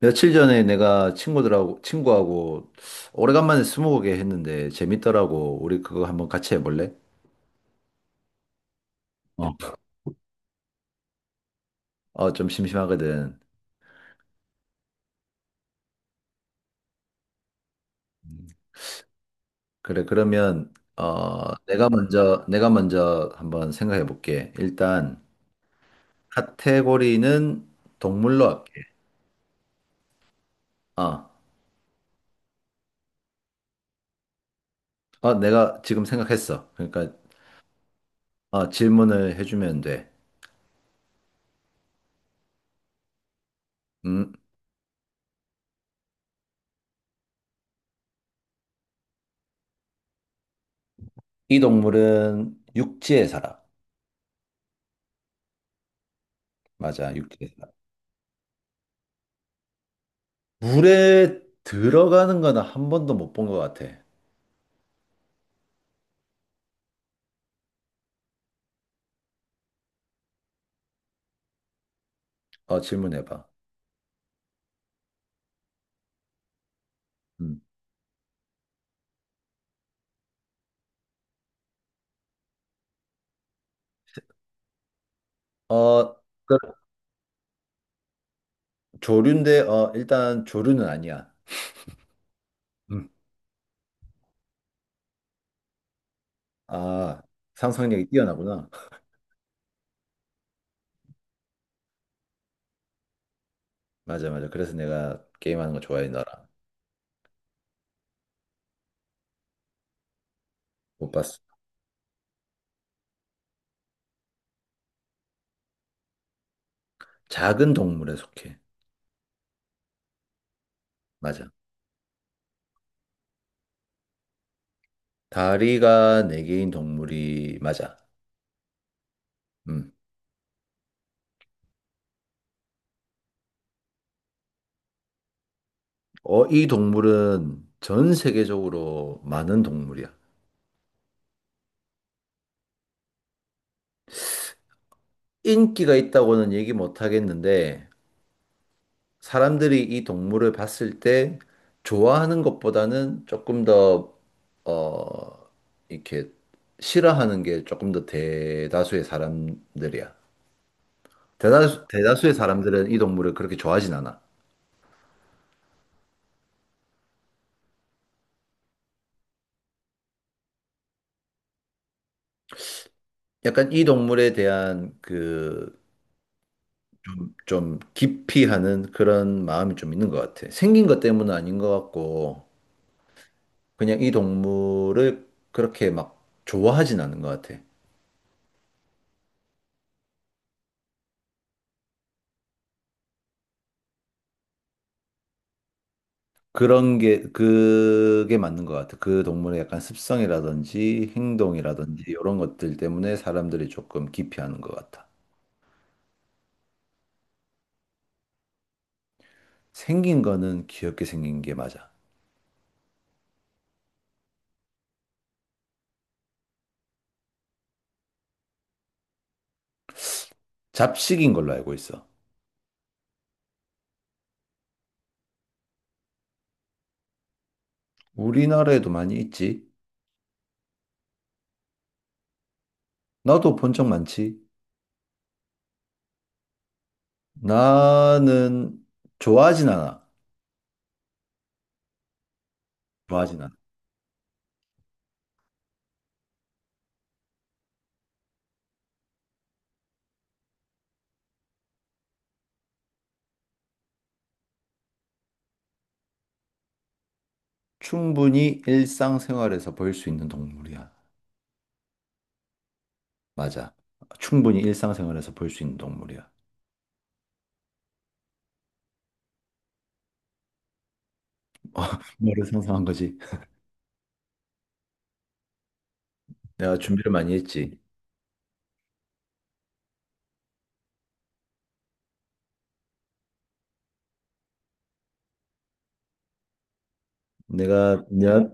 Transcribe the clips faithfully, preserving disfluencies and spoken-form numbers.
며칠 전에 내가 친구들하고, 친구하고 오래간만에 스무고개 했는데 재밌더라고. 우리 그거 한번 같이 해볼래? 어, 어, 좀 심심하거든. 그래, 그러면, 어, 음. 내가 먼저, 내가 먼저 한번 생각해 볼게. 일단, 카테고리는 동물로 할게. 어, 어, 내가 지금 생각했어. 그러니까, 어, 질문을 해주면 돼. 음, 이 동물은 육지에 살아. 맞아, 육지에 살아. 물에 들어가는 거는 한 번도 못 본 것 같아. 어, 질문해봐. 음. 어, 조류인데, 어, 일단 조류는 아니야. 음. 아, 상상력이 뛰어나구나. 맞아, 맞아. 그래서 내가 게임하는 거 좋아해, 너랑. 못 봤어. 작은 동물에 속해. 맞아. 다리가 네 개인 동물이 맞아. 음. 어, 이 동물은 전 세계적으로 많은 동물이야. 인기가 있다고는 얘기 못 하겠는데, 사람들이 이 동물을 봤을 때 좋아하는 것보다는 조금 더, 어, 이렇게 싫어하는 게 조금 더 대다수의 사람들이야. 대다수, 대다수의 사람들은 이 동물을 그렇게 좋아하진 않아. 약간 이 동물에 대한 그, 좀, 좀 깊이 하는 그런 마음이 좀 있는 것 같아. 생긴 것 때문은 아닌 것 같고, 그냥 이 동물을 그렇게 막 좋아하진 않은 것 같아. 그런 게, 그게 맞는 것 같아. 그 동물의 약간 습성이라든지 행동이라든지 이런 것들 때문에 사람들이 조금 기피하는 것 같아. 생긴 거는 귀엽게 생긴 게 맞아. 잡식인 걸로 알고 있어. 우리나라에도 많이 있지. 나도 본 적 많지. 나는 좋아하진 않아. 좋아하진 않아. 충분히 일상생활에서 볼 수 있는 동물이야. 맞아. 충분히 일상생활에서 볼 수 있는 동물이야. 뭐를 상상한 거지? 내가 준비를 많이 했지. 내가 몇,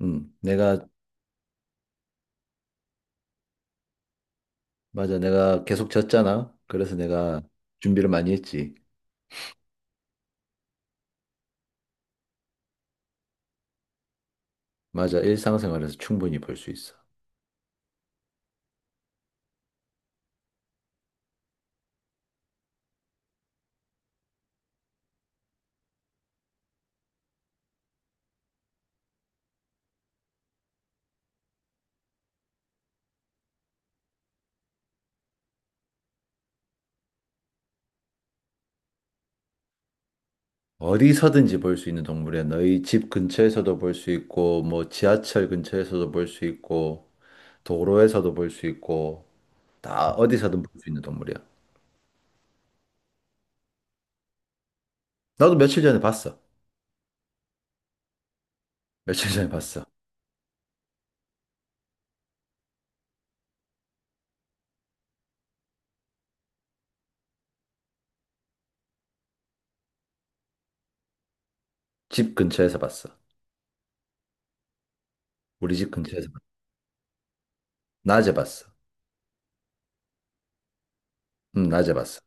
음, 내가 맞아. 내가 계속 졌잖아. 그래서 내가 준비를 많이 했지. 맞아. 일상생활에서 충분히 볼 수 있어. 어디서든지 볼 수 있는 동물이야. 너희 집 근처에서도 볼 수 있고, 뭐 지하철 근처에서도 볼 수 있고, 도로에서도 볼 수 있고, 다 어디서든 볼 수 있는 동물이야. 나도 며칠 전에 봤어. 며칠 전에 봤어. 집 근처에서 봤어. 우리 집 근처에서 봤어. 낮에 봤어. 응 낮에 봤어.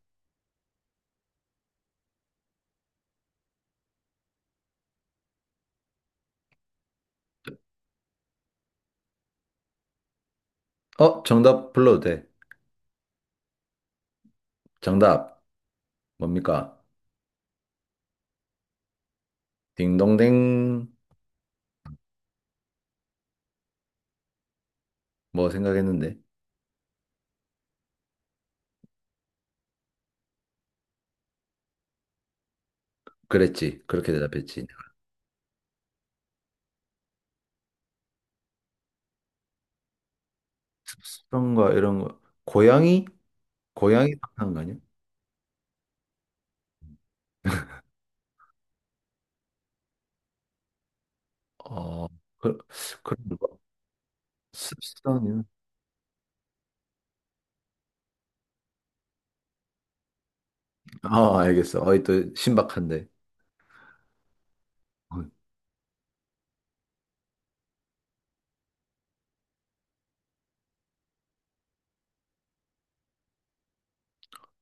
어, 정답 불러도 돼. 정답 뭡니까? 딩동댕. 뭐 생각했는데? 그랬지, 그렇게 대답했지. 습성과 이런 거, 고양이. 고양이 상상한 거 아니야? 어, 그, 그런 거. 습성이요? 아, 알겠어. 어이, 또 신박한데. 어.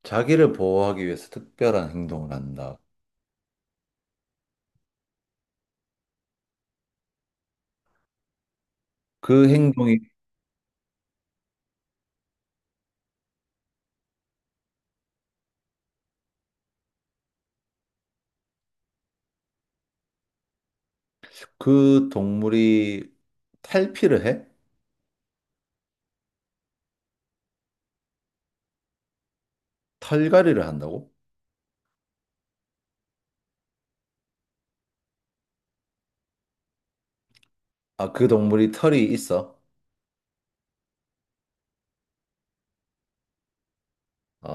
자기를 보호하기 위해서 특별한 행동을 한다. 그 행동이, 그 동물이 탈피를 해? 털갈이를 한다고? 아, 그 동물이 털이 있어? 아,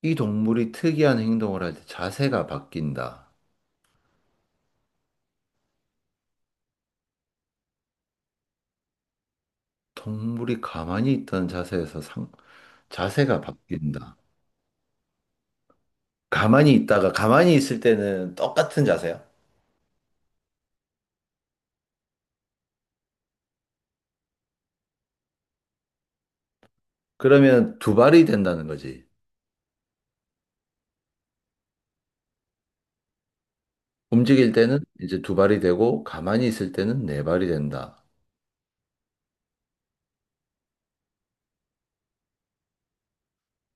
이 동물이 특이한 행동을 할 때 자세가 바뀐다. 동물이 가만히 있던 자세에서 상, 자세가 바뀐다. 가만히 있다가 가만히 있을 때는 똑같은 자세야. 그러면 두 발이 된다는 거지. 움직일 때는 이제 두 발이 되고 가만히 있을 때는 네 발이 된다.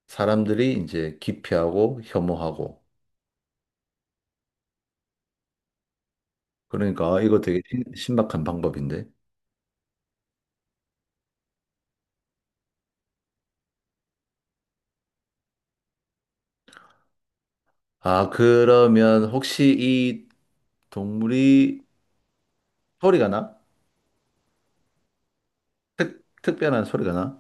사람들이 이제 기피하고 혐오하고. 그러니까 아, 이거 되게 신- 신박한 방법인데. 아, 그러면 혹시 이 동물이 소리가 나? 특별한 소리가 나?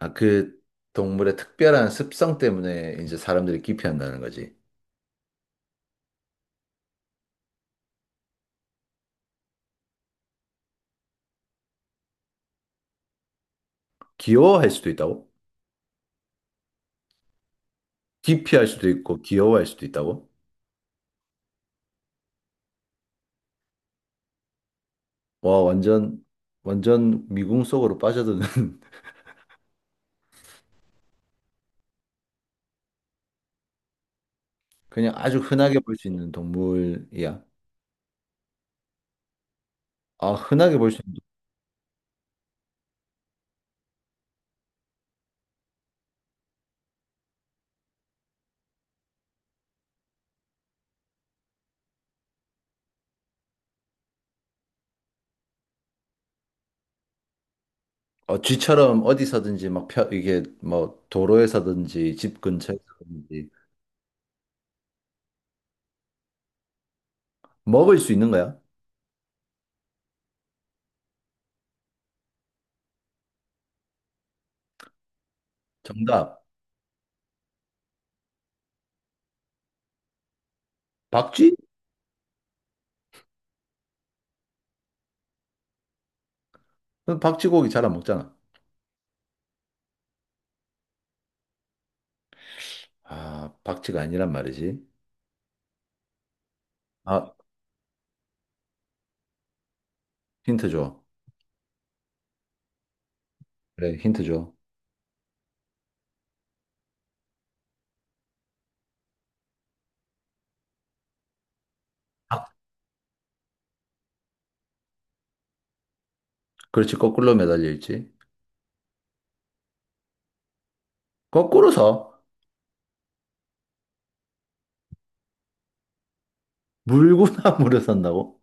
아, 그 동물의 특별한 습성 때문에 이제 사람들이 기피한다는 거지. 귀여워할 수도 있다고? 기피할 수도 있고 귀여워할 수도 있다고? 와, 완전, 완전 미궁 속으로 빠져드는. 그냥 아주 흔하게 볼 수 있는 동물이야. 아, 흔하게 볼 수 있는 동- 어, 쥐처럼 어디서든지 막 펴, 이게 뭐 도로에서든지 집 근처에서든지. 먹을 수 있는 거야? 정답. 박쥐? 그럼 박쥐 고기 잘 안 먹잖아. 아, 박쥐가 아니란 말이지. 아, 힌트 줘. 그래, 힌트 줘. 박- 그렇지, 거꾸로 매달려 있지. 거꾸로 서. 물구나무를 산다고?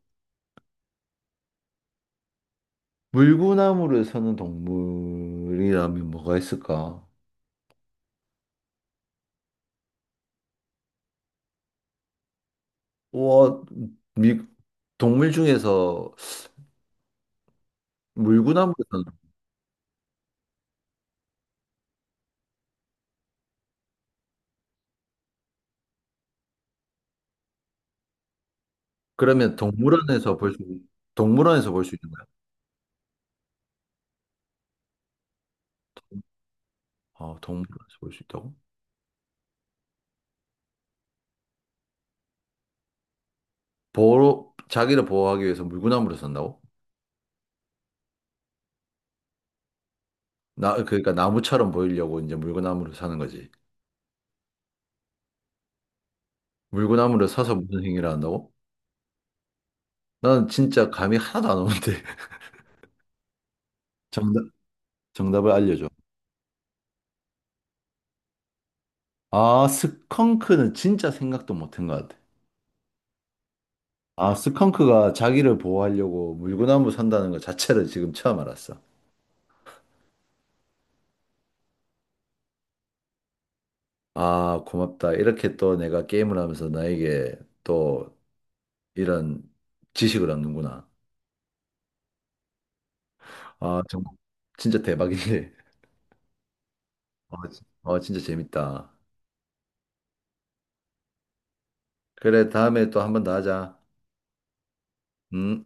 물구나무를 사는 동물이라면 뭐가 있을까? 와, 미, 동물 중에서 물구나무를 사는. 그러면 동물원에서 볼 수, 동물원에서 볼 수 있는 거야? 아, 동물원에서 볼 수 있다고? 보호, 자기를 보호하기 위해서 물구나무를 산다고? 나, 그러니까 나무처럼 보이려고 이제 물구나무를 사는 거지. 물구나무를 사서 무슨 행위를 한다고? 나는 진짜 감이 하나도 안 오는데. 정답, 정답을 알려줘. 아, 스컹크는 진짜 생각도 못한 것 같아. 아, 스컹크가 자기를 보호하려고 물구나무 선다는 것 자체를 지금 처음 알았어. 아, 고맙다. 이렇게 또 내가 게임을 하면서 나에게 또 이런 지식을 얻는구나. 아, 정말 진짜 대박이네. 어, 진- 어, 진짜 재밌다. 그래, 다음에 또 한 번 더 하자. 음.